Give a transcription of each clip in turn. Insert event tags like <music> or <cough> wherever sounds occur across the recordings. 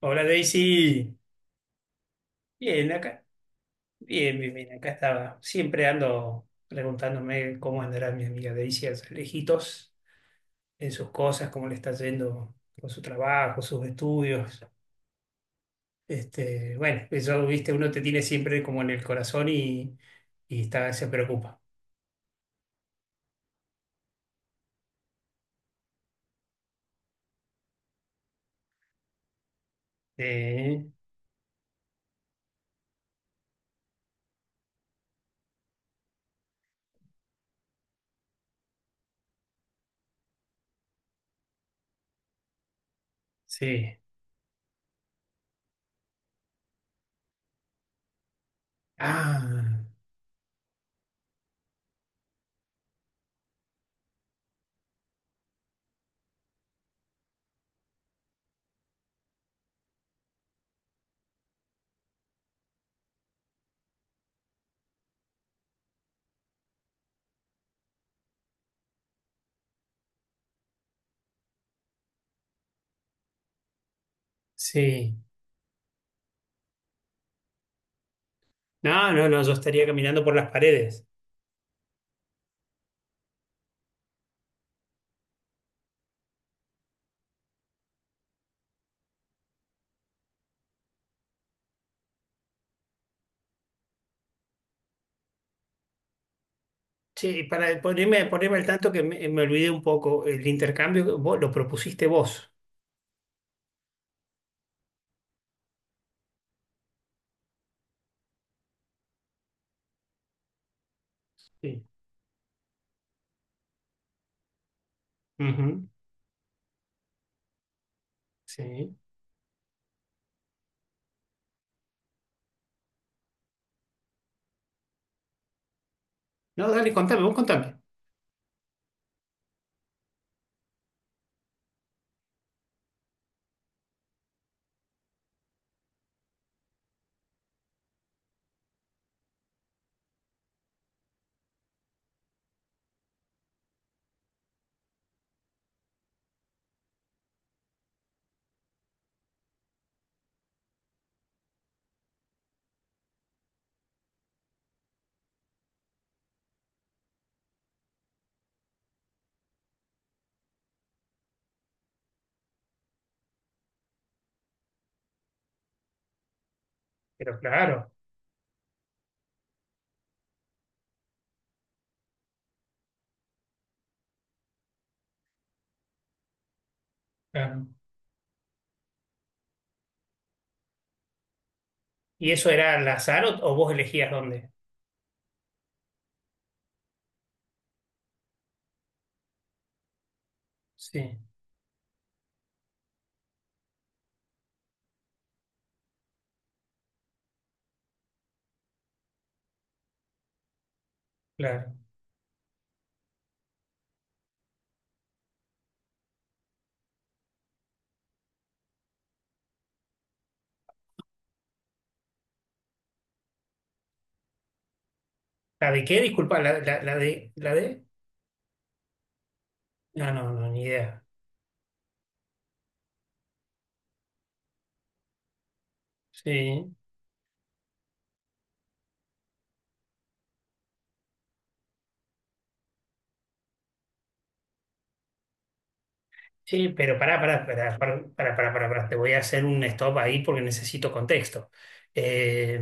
Hola Daisy, bien acá, bien, bien, bien, acá estaba. Siempre ando preguntándome cómo andará mi amiga Daisy allá lejitos en sus cosas, cómo le está yendo con su trabajo, sus estudios. Este, bueno, eso, viste, uno te tiene siempre como en el corazón y está, se preocupa. Eh, sí. Ah, sí. No, no, no, yo estaría caminando por las paredes. Sí, para ponerme al tanto que me olvidé un poco, el intercambio vos, lo propusiste vos. Sí. Ujú. Sí. No, dale, contame, vos contame. Pero claro, claro. ¿Y eso era al azar o vos elegías dónde? Sí. Claro. ¿La de qué? Disculpa, la de. No, no, no, ni idea. Sí. Sí, pero pará, pará, pará, pará, pará, pará, pará, pará. Te voy a hacer un stop ahí porque necesito contexto. Eh,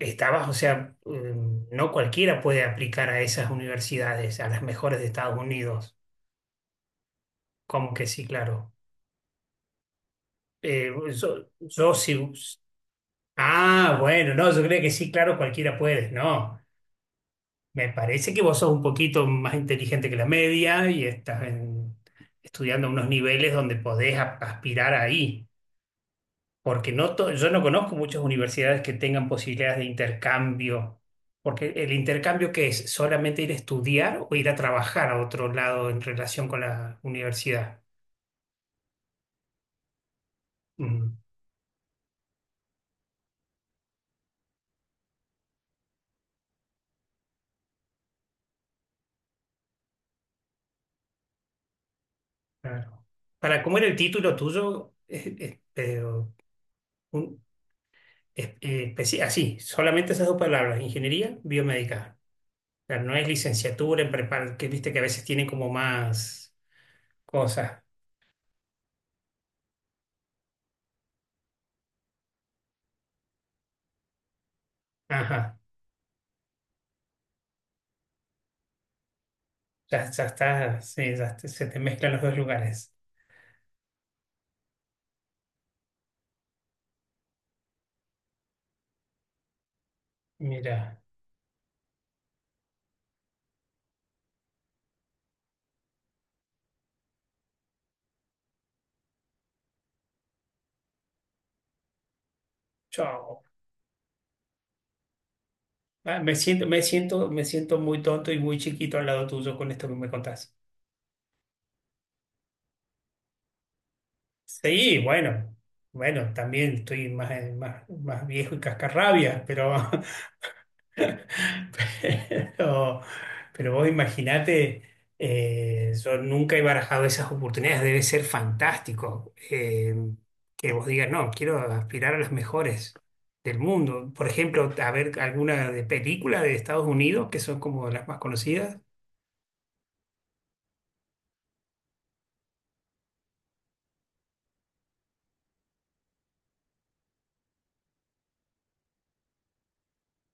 Estabas, o sea, no cualquiera puede aplicar a esas universidades, a las mejores de Estados Unidos. Como que sí, claro. Yo, yo sí. Ah, bueno, no, yo creo que sí, claro, cualquiera puede, no. Me parece que vos sos un poquito más inteligente que la media y estás en- estudiando a unos niveles donde podés a- aspirar ahí, porque no to- yo no conozco muchas universidades que tengan posibilidades de intercambio, porque el intercambio que es solamente ir a estudiar o ir a trabajar a otro lado en relación con la universidad. Mm, claro. Para, ¿cómo era el título tuyo? Pero, es- especi- así, solamente esas dos palabras, ingeniería biomédica. O sea, no es licenciatura en prepar, que viste que a veces tiene como más cosas. Ajá, ya, ya está, sí, ya te- se te mezclan los dos lugares. Mira, chao. Ah, me siento, me siento, me siento muy tonto y muy chiquito al lado tuyo con esto que me contás. Sí, bueno, bueno, también estoy más, más, más viejo y cascarrabias, pero <laughs> Pero, pero vos imaginate, yo nunca he barajado esas oportunidades, debe ser fantástico que vos digas, no, quiero aspirar a las mejores del mundo. Por ejemplo, a ver alguna de película de Estados Unidos, que son como las más conocidas.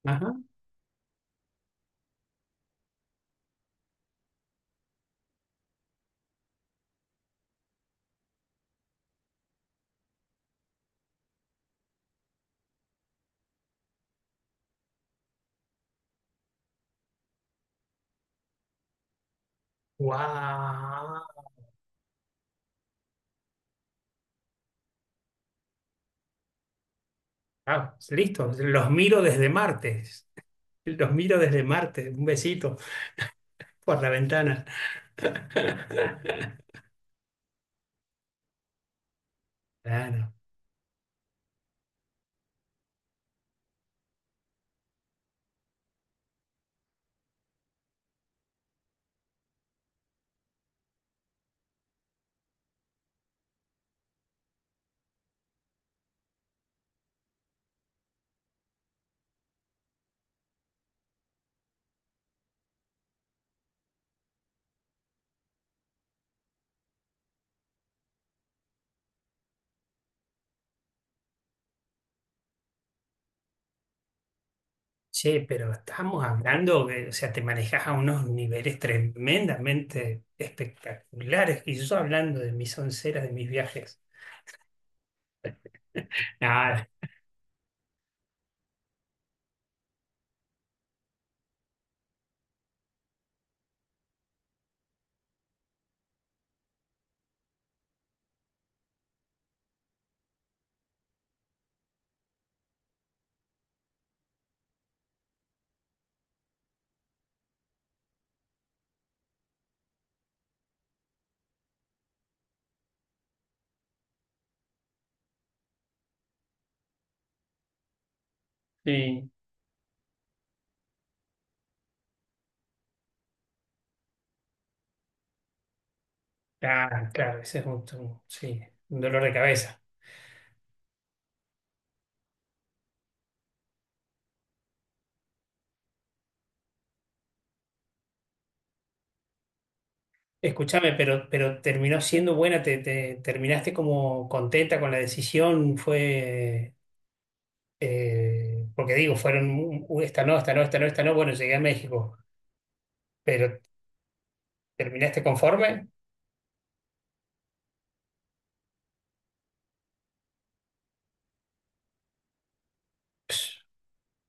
Ajá. ¡Wow! Ah, listo, los miro desde martes. Los miro desde martes. Un besito por la ventana. <laughs> Claro. Che, pero estamos hablando que, o sea, te manejas a unos niveles tremendamente espectaculares y yo hablando de mis onceras, de mis viajes. Nada, sí, ah, claro, ese es un- sí, un dolor de cabeza. Escúchame, pero terminó siendo buena, te- terminaste como contenta con la decisión, fue, porque digo, fueron, esta no, esta no, esta no, esta no, bueno, llegué a México, pero ¿terminaste conforme?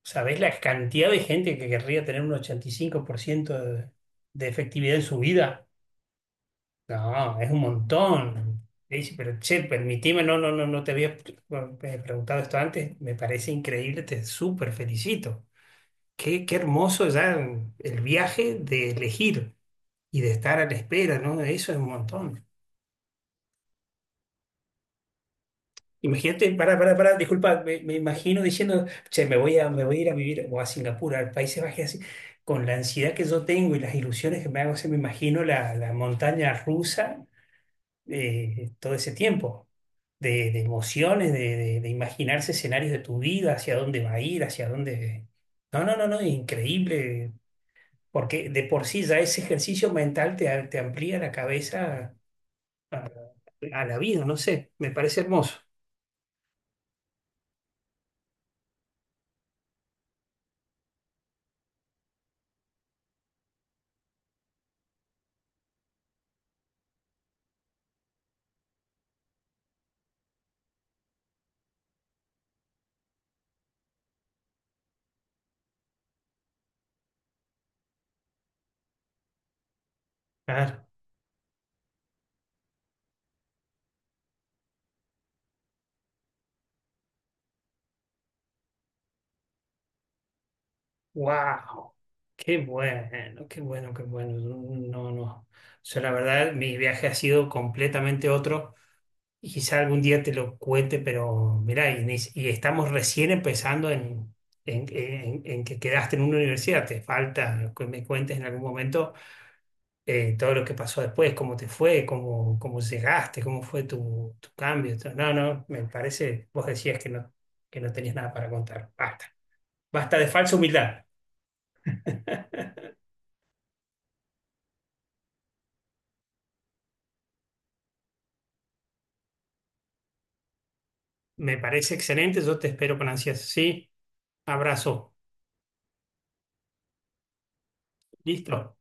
¿Sabés la cantidad de gente que querría tener un 85% de efectividad en su vida? No, es un montón. Le dice, pero che, permitime, no, no, no, no te había bueno, preguntado esto antes. Me parece increíble, te súper felicito. Qué, qué hermoso ya el viaje de elegir y de estar a la espera, ¿no? Eso es un montón. Imagínate, pará, pará, pará, disculpa, me imagino diciendo, che, me voy a ir a vivir o a Singapur, al Países Bajos, así, con la ansiedad que yo tengo y las ilusiones que me hago, se me imagino la, la montaña rusa todo ese tiempo, de emociones, de imaginarse escenarios de tu vida, hacia dónde va a ir, hacia dónde... No, no, no, no, increíble, porque de por sí ya ese ejercicio mental te, te amplía la cabeza a la vida, no sé, me parece hermoso. Wow, qué bueno, qué bueno, qué bueno. No, no. O sea, la verdad, mi viaje ha sido completamente otro y quizá algún día te lo cuente, pero mirá, y, ni- y estamos recién empezando en que quedaste en una universidad. Te falta que me cuentes en algún momento todo lo que pasó después, cómo te fue, cómo, cómo llegaste, cómo fue tu, tu cambio. Entonces, no, no, me parece, vos decías que no tenías nada para contar. Basta, basta de falsa humildad. <laughs> Me parece excelente, yo te espero con ansias. Sí, abrazo. Listo.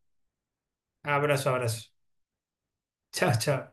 Abrazo, abrazo. Chao, chao.